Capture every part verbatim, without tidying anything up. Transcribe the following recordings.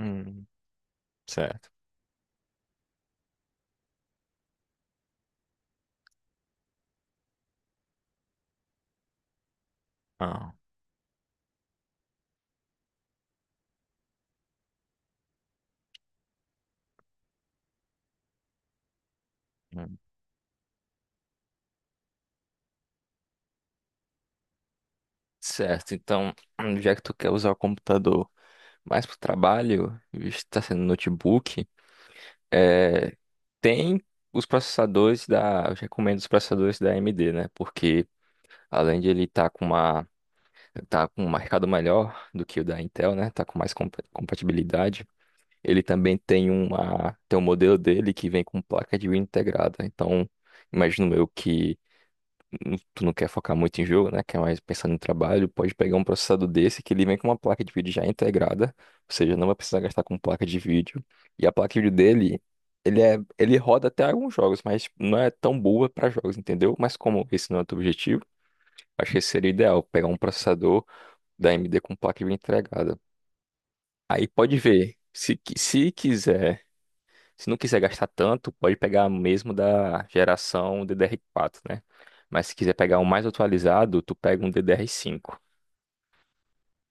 Hum, certo. Ah, hum, certo. Então, hum, já que tu quer usar o computador mais para o trabalho, visto que tá sendo notebook, é, tem os processadores da. Eu recomendo os processadores da A M D, né? Porque além de ele estar com uma. Tá com um mercado melhor do que o da Intel, né? Tá com mais compa- compatibilidade. Ele também tem uma. Tem um modelo dele que vem com placa de vídeo integrada. Então, imagino eu que. não- tu não quer focar muito em jogo, né? Quer mais pensando no trabalho, pode pegar um processador desse que ele vem com uma placa de vídeo já integrada, ou seja, não vai precisar gastar com placa de vídeo. E a placa de vídeo dele, ele é, ele roda até alguns jogos, mas não é tão boa para jogos, entendeu? Mas como esse não é o teu objetivo, acho que seria ideal pegar um processador da A M D com placa de vídeo integrada. Aí pode ver. Se, qui- se quiser, se não quiser gastar tanto, pode pegar mesmo da geração D D R quatro, né? Mas se quiser pegar um mais atualizado, tu pega um D D R cinco.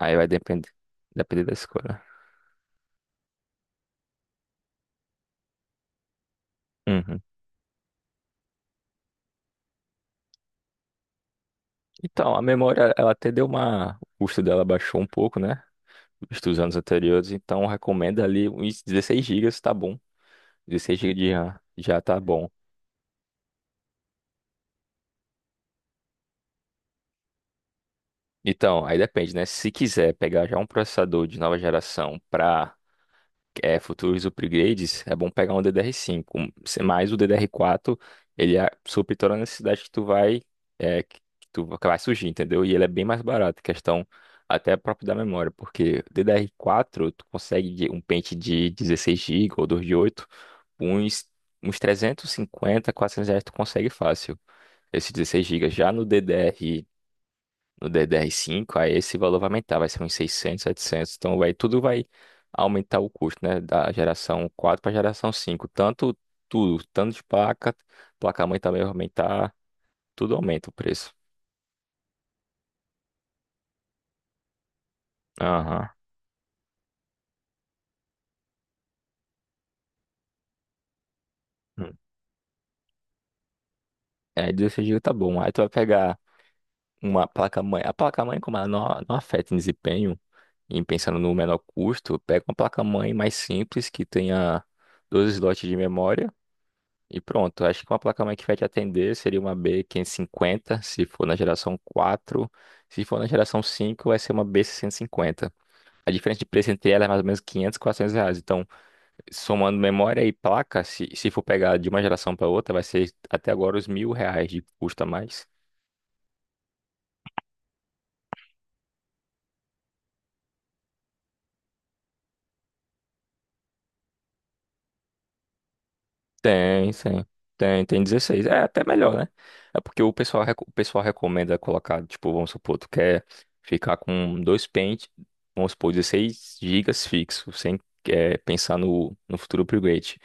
Aí vai depender, depender da escolha. Uhum. Então, a memória, ela até deu uma... O custo dela baixou um pouco, né? Dos anos anteriores, então recomenda ali uns dezesseis gigas, tá bom. dezesseis gigas de RAM já tá bom. Então, aí depende, né? Se quiser pegar já um processador de nova geração para é, futuros upgrades, é bom pegar um D D R cinco. Se- Mas o D D R quatro, ele é, supre toda a necessidade que tu vai, é, que tu que vai surgir, entendeu? E ele é bem mais barato, questão até próprio da memória, porque D D R quatro tu consegue de- um pente de dezesseis gigas ou dois de oito, uns, uns trezentos e cinquenta, quatrocentos reais tu consegue fácil. Esse dezesseis gigas. Já no D D R no D D R cinco, aí esse valor vai aumentar, vai ser uns seiscentos, setecentos, então vai, tudo vai aumentar o custo, né, da geração quatro para a geração cinco, tanto tudo, tanto de placa, placa-mãe também vai aumentar, tudo aumenta o preço. Aham. Hum. Aí dezesseis gigas tá bom, aí tu vai pegar uma placa-mãe, a placa-mãe como ela não, não afeta em desempenho, e pensando no menor custo, pega uma placa-mãe mais simples que tenha doze slots de memória. E pronto, acho que uma placa-mãe que vai te atender seria uma bê quinhentos e cinquenta, se for na geração quatro. Se for na geração cinco vai ser uma bê seiscentos e cinquenta. A diferença de preço entre elas é mais ou menos quinhentos, quatrocentos reais. Então, somando memória e placa, se, se for pegar de uma geração para outra, vai ser até agora os mil reais de custo a mais. Tem, sim. Tem, tem dezesseis. É até melhor, né? É porque o pessoal, reco- o pessoal recomenda colocar, tipo, vamos supor, tu quer ficar com dois pentes, vamos supor, dezesseis gigas fixo, sem é, pensar no, no futuro upgrade.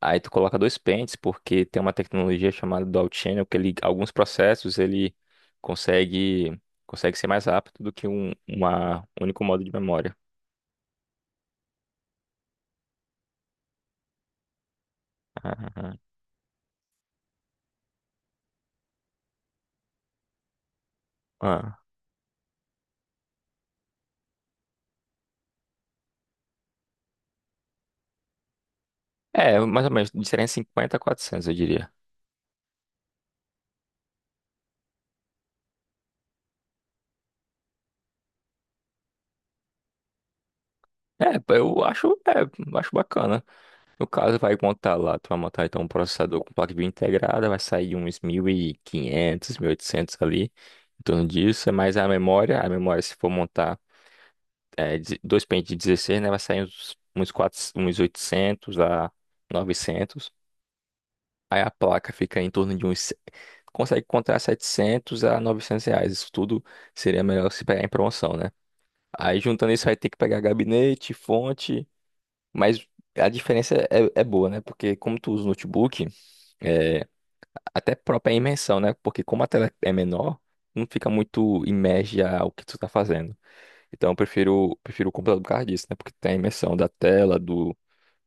Aí tu coloca dois pentes, porque tem uma tecnologia chamada Dual Channel, que ele, alguns processos ele consegue, consegue ser mais rápido do que um uma, um único modo de memória. Ah, ah. É, mais ou menos, de trezentos e cinquenta a quatrocentos, eu diria. É, pô, eu acho, é, eu acho bacana. No caso, vai montar lá, tu vai montar então um processador com placa de vídeo integrada, vai sair uns mil mil e quinhentos, mil e oitocentos ali, em torno disso, é mais a memória, a memória se for montar é, de- dois pentes de dezesseis, né, vai sair uns, uns, quatro, uns oitocentos a novecentos. Aí a placa fica em torno de uns, consegue encontrar setecentos a novecentos reais, isso tudo seria melhor se pegar em promoção, né? Aí juntando isso, vai ter que pegar gabinete, fonte... Mas a diferença é, é boa, né? Porque como tu usa o notebook, é, até própria imersão, né? Porque como a tela é menor, não fica muito imerge ao que tu tá fazendo. Então eu prefiro, prefiro o computador por causa disso, né? Porque tem a imersão da tela, do,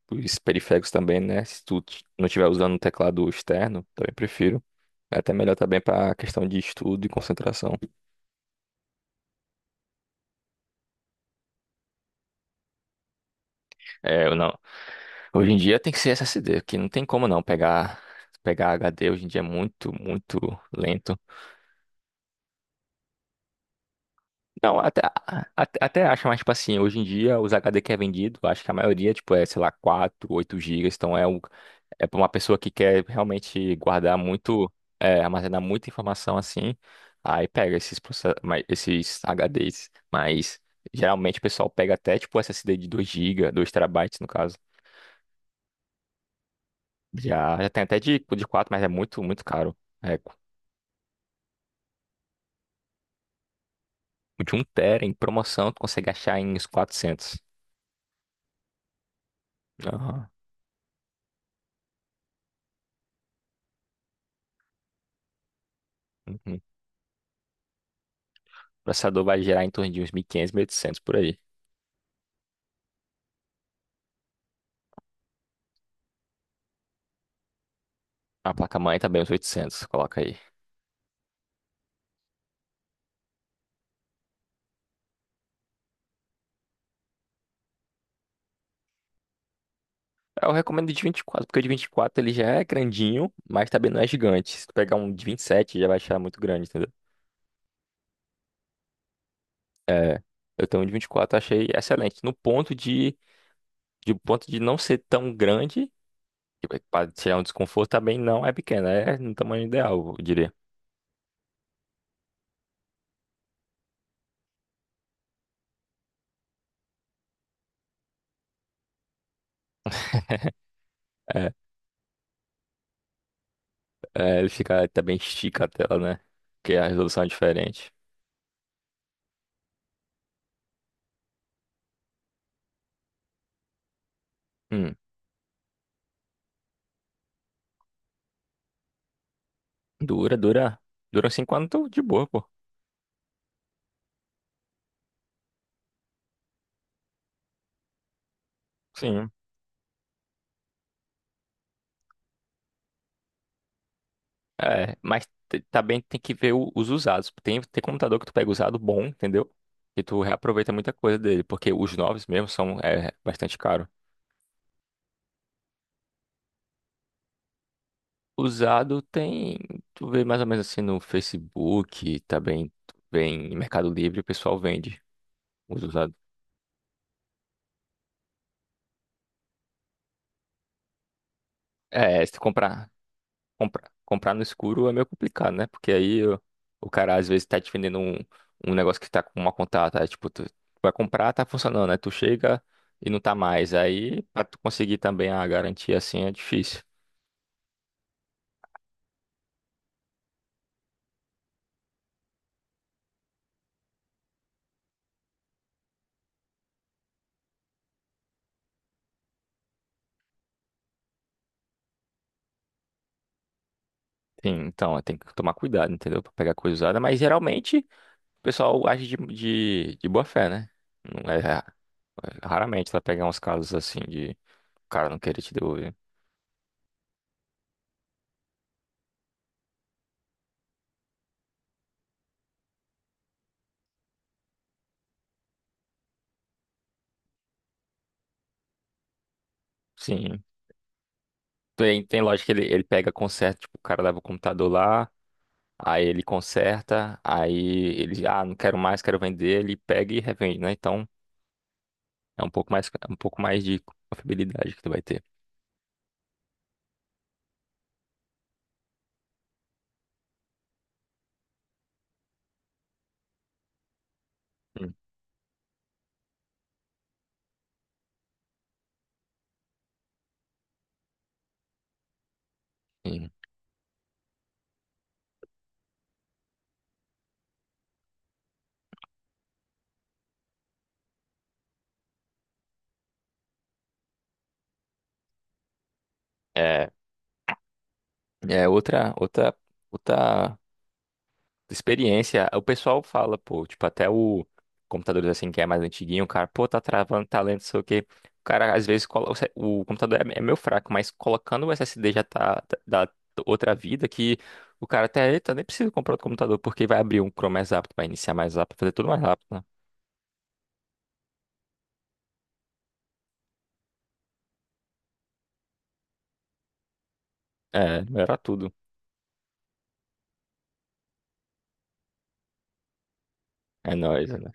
dos periféricos também, né? Se tu t- não estiver usando um teclado externo, também prefiro. É até melhor também para questão de estudo e concentração. É, eu não. Hoje em dia tem que ser S S D, que não tem como não pegar pegar H D. Hoje em dia é muito, muito lento. Não, até, até, até acho, mas, tipo assim, hoje em dia, os H D que é vendido, acho que a maioria, tipo, é, sei lá, quatro, oito gigas, então é, um, é para uma pessoa que quer realmente guardar muito, é, armazenar muita informação, assim, aí pega esses, processa- mas- esses H Dês, mas geralmente o pessoal pega até, tipo, S S D de dois gigas, dois terabytes no caso, já, já tem até de, de quatro, mas é muito, muito caro, é, o de um tera em promoção, tu consegue achar em uns quatrocentos. Aham. O processador vai gerar em torno de uns mil mil quinhentos, mil e mil e oitocentos por aí. A placa-mãe também uns oitocentos, coloca aí. Eu recomendo de vinte e quatro, porque o de vinte e quatro ele já é grandinho, mas também não é gigante. Se tu pegar um de vinte e sete, já vai achar muito grande, entendeu? É, eu tenho um de vinte e quatro, eu achei excelente. No ponto de, de ponto de não ser tão grande, para tirar um desconforto, também não é pequeno, é no tamanho ideal, eu diria. É, é, ele fica também estica a tela, né? Porque a resolução é diferente. Hum, dura, dura. Dura cinco anos, tô de boa, pô. Sim. É, mas t- também tem que ver o- os usados. Tem, tem computador que tu pega usado bom, entendeu? E tu reaproveita muita coisa dele, porque os novos mesmo são é, bastante caros. Usado tem, tu vê mais ou menos assim no Facebook, também tu vê em Mercado Livre, o pessoal vende os usados. É, se tu comprar, comprar, comprar no escuro é meio complicado, né? Porque aí o, o cara às vezes tá te vendendo um, um negócio que tá com uma contato, aí, tipo, tu vai comprar, tá funcionando, né? Tu chega e não tá mais. Aí, pra tu conseguir também a garantia assim é difícil. Sim, então, é, tem que tomar cuidado, entendeu? Pra pegar coisa usada, mas geralmente o pessoal age de, de, de boa fé, né? Não é, ra- raramente vai pegar uns casos assim de o cara não querer te devolver. Sim. Tem, tem loja que ele, ele pega conserta, tipo, o cara leva o computador lá. Aí ele conserta, aí ele, ah, não quero mais, quero vender, ele pega e revende, né? Então é um pouco mais, um pouco mais de confiabilidade que tu vai ter. Hum. Sim. É, é outra, outra, outra. experiência, o pessoal fala, pô, tipo, até o computador assim que é mais antiguinho, o cara, pô, tá travando, tá lento, não sei o quê. O cara, às vezes, colo... o se- o computador é é meio fraco, mas colocando o S S D já tá tá- dá outra vida, que o cara até, eita, nem precisa comprar outro computador, porque vai abrir um Chrome mais rápido, vai iniciar mais rápido, fazer tudo mais rápido, né? É, melhorar tudo. É nóis, né?